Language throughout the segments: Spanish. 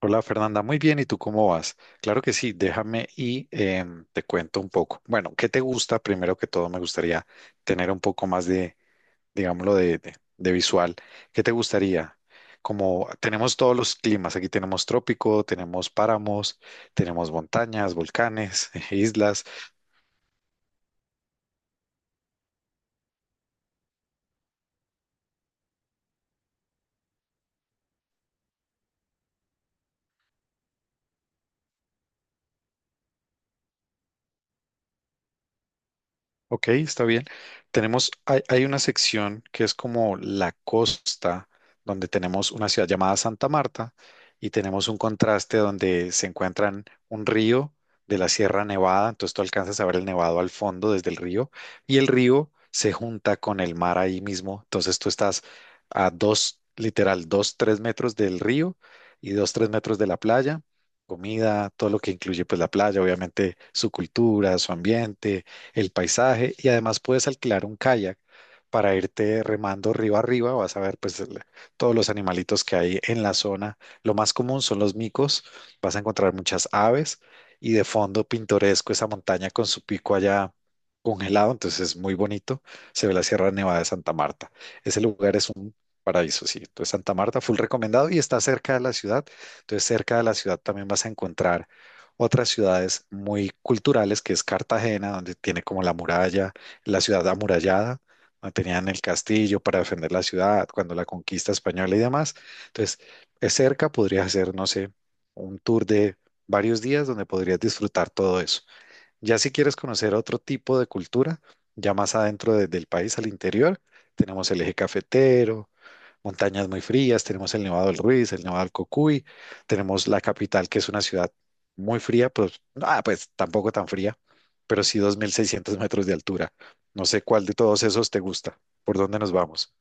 Hola Fernanda, muy bien, ¿y tú cómo vas? Claro que sí, déjame y te cuento un poco. Bueno, ¿qué te gusta? Primero que todo, me gustaría tener un poco más de, digámoslo, de visual. ¿Qué te gustaría? Como tenemos todos los climas, aquí tenemos trópico, tenemos páramos, tenemos montañas, volcanes, islas. Ok, está bien. Hay una sección que es como la costa, donde tenemos una ciudad llamada Santa Marta y tenemos un contraste donde se encuentran un río de la Sierra Nevada, entonces tú alcanzas a ver el nevado al fondo desde el río y el río se junta con el mar ahí mismo, entonces tú estás a dos, literal, dos, tres metros del río y dos, tres metros de la playa. Comida, todo lo que incluye pues la playa, obviamente su cultura, su ambiente, el paisaje y además puedes alquilar un kayak para irte remando río arriba, vas a ver pues todos los animalitos que hay en la zona. Lo más común son los micos, vas a encontrar muchas aves y de fondo pintoresco esa montaña con su pico allá congelado, entonces es muy bonito, se ve la Sierra Nevada de Santa Marta. Ese lugar es un paraíso, sí. Entonces Santa Marta, full recomendado y está cerca de la ciudad, entonces cerca de la ciudad también vas a encontrar otras ciudades muy culturales, que es Cartagena, donde tiene como la muralla, la ciudad amurallada, donde tenían el castillo para defender la ciudad cuando la conquista española y demás. Entonces, es cerca, podrías hacer, no sé, un tour de varios días donde podrías disfrutar todo eso. Ya si quieres conocer otro tipo de cultura, ya más adentro del país, al interior, tenemos el eje cafetero, montañas muy frías, tenemos el Nevado del Ruiz, el Nevado del Cocuy, tenemos la capital, que es una ciudad muy fría, pues, ah, pues tampoco tan fría, pero sí 2.600 metros de altura. No sé cuál de todos esos te gusta, por dónde nos vamos.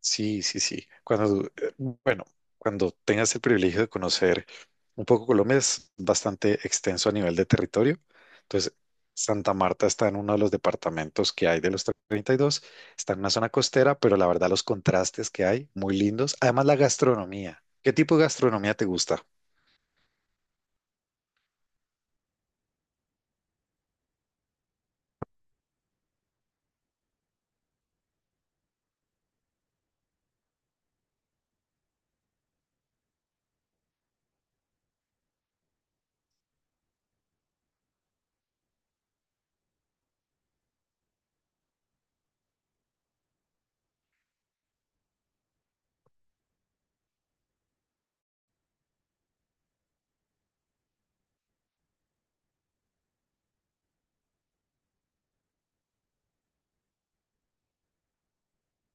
Sí, sí, sí. Cuando, bueno, cuando tengas el privilegio de conocer un poco Colombia, es bastante extenso a nivel de territorio. Entonces, Santa Marta está en uno de los departamentos que hay de los 32. Está en una zona costera, pero la verdad los contrastes que hay, muy lindos. Además, la gastronomía. ¿Qué tipo de gastronomía te gusta?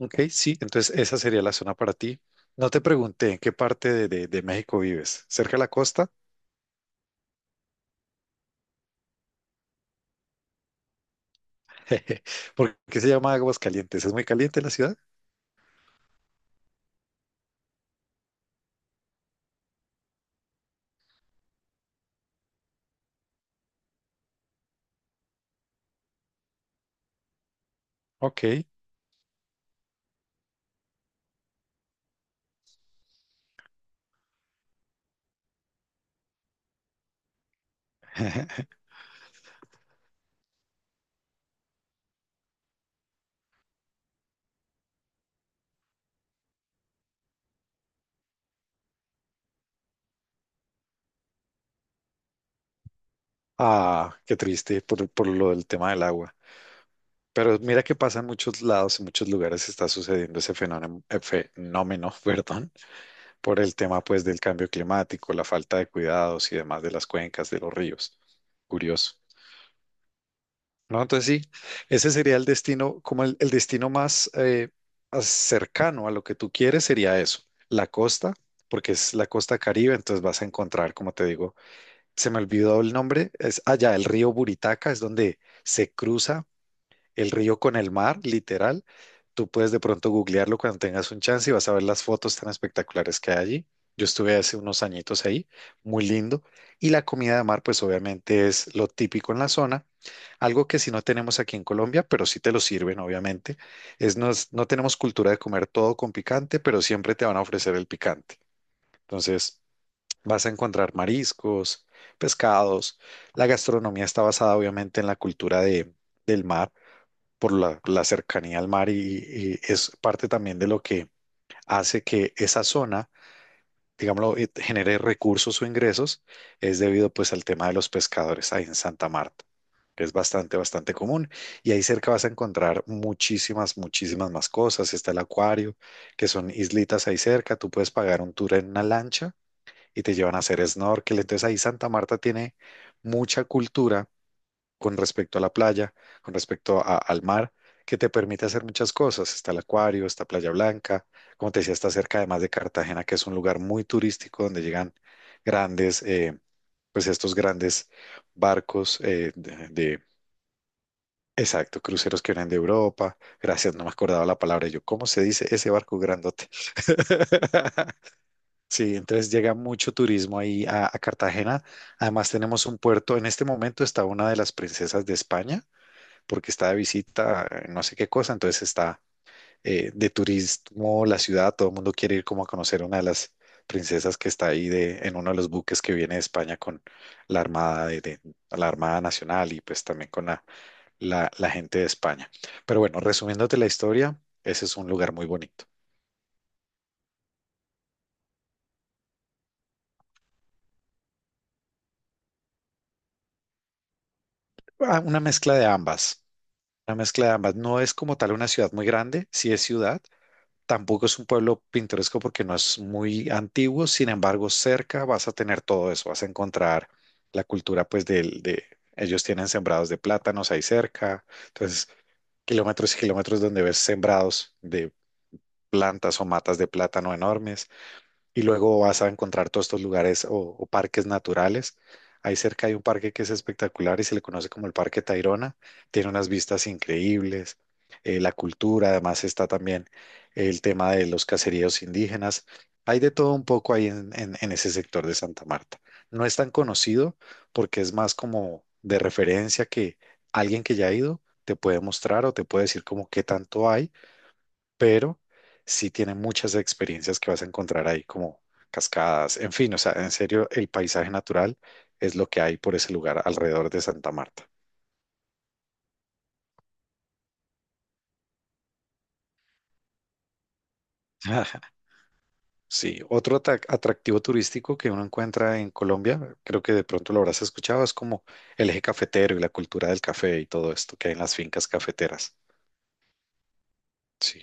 Ok, sí, entonces esa sería la zona para ti. No te pregunté en qué parte de, de México vives. ¿Cerca de la costa? ¿Por qué se llama Aguascalientes? ¿Es muy caliente la ciudad? Ok. Ah, qué triste por, lo del tema del agua. Pero mira que pasa en muchos lados, en muchos lugares está sucediendo ese fenómeno, fenómeno, perdón, por el tema pues del cambio climático, la falta de cuidados y demás de las cuencas, de los ríos. Curioso. No, entonces sí, ese sería el destino, como el destino más cercano a lo que tú quieres sería eso, la costa, porque es la costa Caribe, entonces vas a encontrar, como te digo, se me olvidó el nombre, es allá el río Buritaca, es donde se cruza el río con el mar, literal. Tú puedes de pronto googlearlo cuando tengas un chance y vas a ver las fotos tan espectaculares que hay allí. Yo estuve hace unos añitos ahí, muy lindo. Y la comida de mar, pues obviamente es lo típico en la zona. Algo que si no tenemos aquí en Colombia, pero sí te lo sirven, obviamente, es no tenemos cultura de comer todo con picante, pero siempre te van a ofrecer el picante. Entonces, vas a encontrar mariscos, pescados. La gastronomía está basada obviamente en la cultura del mar, por la cercanía al mar y es parte también de lo que hace que esa zona, digámoslo, genere recursos o ingresos, es debido pues al tema de los pescadores ahí en Santa Marta. Es bastante, bastante común. Y ahí cerca vas a encontrar muchísimas, muchísimas más cosas. Está el acuario, que son islitas ahí cerca. Tú puedes pagar un tour en una lancha y te llevan a hacer snorkel. Entonces ahí Santa Marta tiene mucha cultura con respecto a la playa, con respecto al mar, que te permite hacer muchas cosas. Está el acuario, está Playa Blanca, como te decía, está cerca además de Cartagena, que es un lugar muy turístico donde llegan grandes, pues estos grandes barcos exacto, cruceros que vienen de Europa. Gracias, no me acordaba la palabra. Y yo, ¿cómo se dice ese barco grandote? Sí, entonces llega mucho turismo ahí a Cartagena. Además tenemos un puerto, en este momento está una de las princesas de España, porque está de visita, no sé qué cosa, entonces está de turismo la ciudad, todo el mundo quiere ir como a conocer una de las princesas que está ahí de, en uno de los buques que viene de España con la Armada, la Armada Nacional y pues también con la gente de España. Pero bueno, resumiéndote la historia, ese es un lugar muy bonito. Ah, una mezcla de ambas. Una mezcla de ambas. No es como tal una ciudad muy grande, sí es ciudad. Tampoco es un pueblo pintoresco porque no es muy antiguo. Sin embargo, cerca vas a tener todo eso. Vas a encontrar la cultura, pues, del, de ellos tienen sembrados de plátanos ahí cerca. Entonces, kilómetros y kilómetros donde ves sembrados de plantas o matas de plátano enormes y luego vas a encontrar todos estos lugares o parques naturales. Ahí cerca hay un parque que es espectacular y se le conoce como el Parque Tayrona. Tiene unas vistas increíbles, la cultura, además está también el tema de los caseríos indígenas. Hay de todo un poco ahí en, en ese sector de Santa Marta. No es tan conocido porque es más como de referencia que alguien que ya ha ido te puede mostrar o te puede decir como qué tanto hay pero sí tiene muchas experiencias que vas a encontrar ahí, como cascadas, en fin, o sea, en serio, el paisaje natural es lo que hay por ese lugar alrededor de Santa Marta. Sí, otro atractivo turístico que uno encuentra en Colombia, creo que de pronto lo habrás escuchado, es como el eje cafetero y la cultura del café y todo esto que hay en las fincas cafeteras. Sí.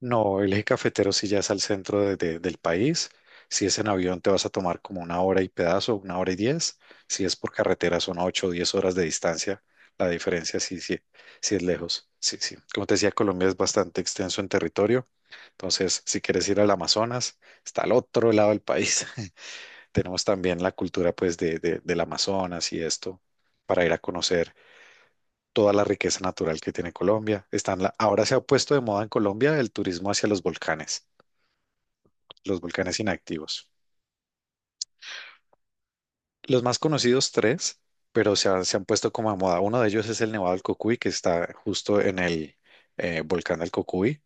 No, el eje cafetero sí ya es al centro del país. Si es en avión te vas a tomar como una hora y pedazo, una hora y diez. Si es por carretera son 8 o 10 horas de distancia. La diferencia sí, sí, sí es lejos. Sí, sí. Como te decía, Colombia es bastante extenso en territorio. Entonces, si quieres ir al Amazonas, está al otro lado del país. Tenemos también la cultura pues de, del Amazonas y esto para ir a conocer toda la riqueza natural que tiene Colombia. Están ahora se ha puesto de moda en Colombia el turismo hacia los volcanes inactivos. Los más conocidos tres, pero se han puesto como a moda. Uno de ellos es el Nevado del Cocuy, que está justo en el volcán del Cocuy,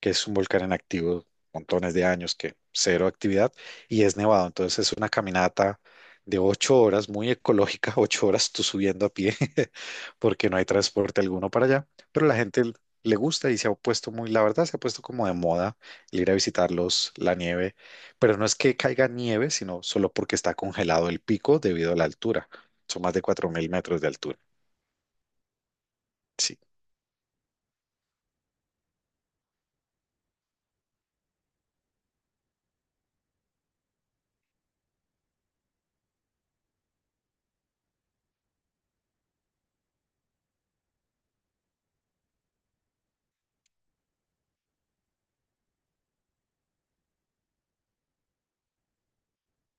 que es un volcán inactivo montones de años, que cero actividad, y es nevado. Entonces es una caminata de 8 horas, muy ecológica, ocho horas tú subiendo a pie, porque no hay transporte alguno para allá, pero la gente le gusta y se ha puesto muy, la verdad, se ha puesto como de moda el ir a visitarlos, la nieve pero no es que caiga nieve, sino solo porque está congelado el pico debido a la altura. Son más de 4.000 metros de altura. Sí,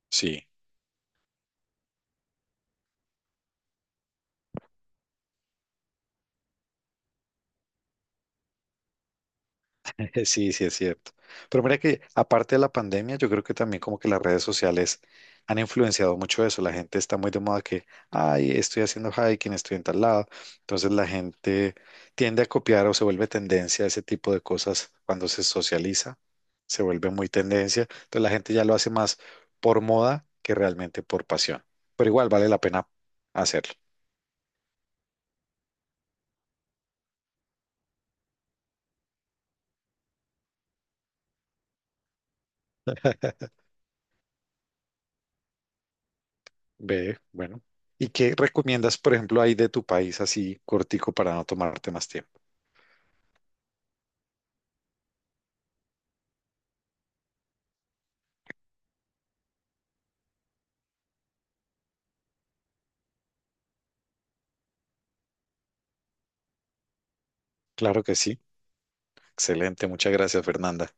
sí. Sí, sí, es cierto. Pero mira que aparte de la pandemia, yo creo que también como que las redes sociales han influenciado mucho eso. La gente está muy de moda que, ay, estoy haciendo hiking, estoy en tal lado. Entonces la gente tiende a copiar o se vuelve tendencia a ese tipo de cosas cuando se socializa, se vuelve muy tendencia. Entonces la gente ya lo hace más por moda que realmente por pasión. Pero igual vale la pena hacerlo. Ve, bueno. ¿Y qué recomiendas, por ejemplo, ahí de tu país así cortico para no tomarte más tiempo? Claro que sí. Excelente. Muchas gracias, Fernanda.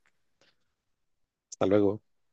Hasta luego.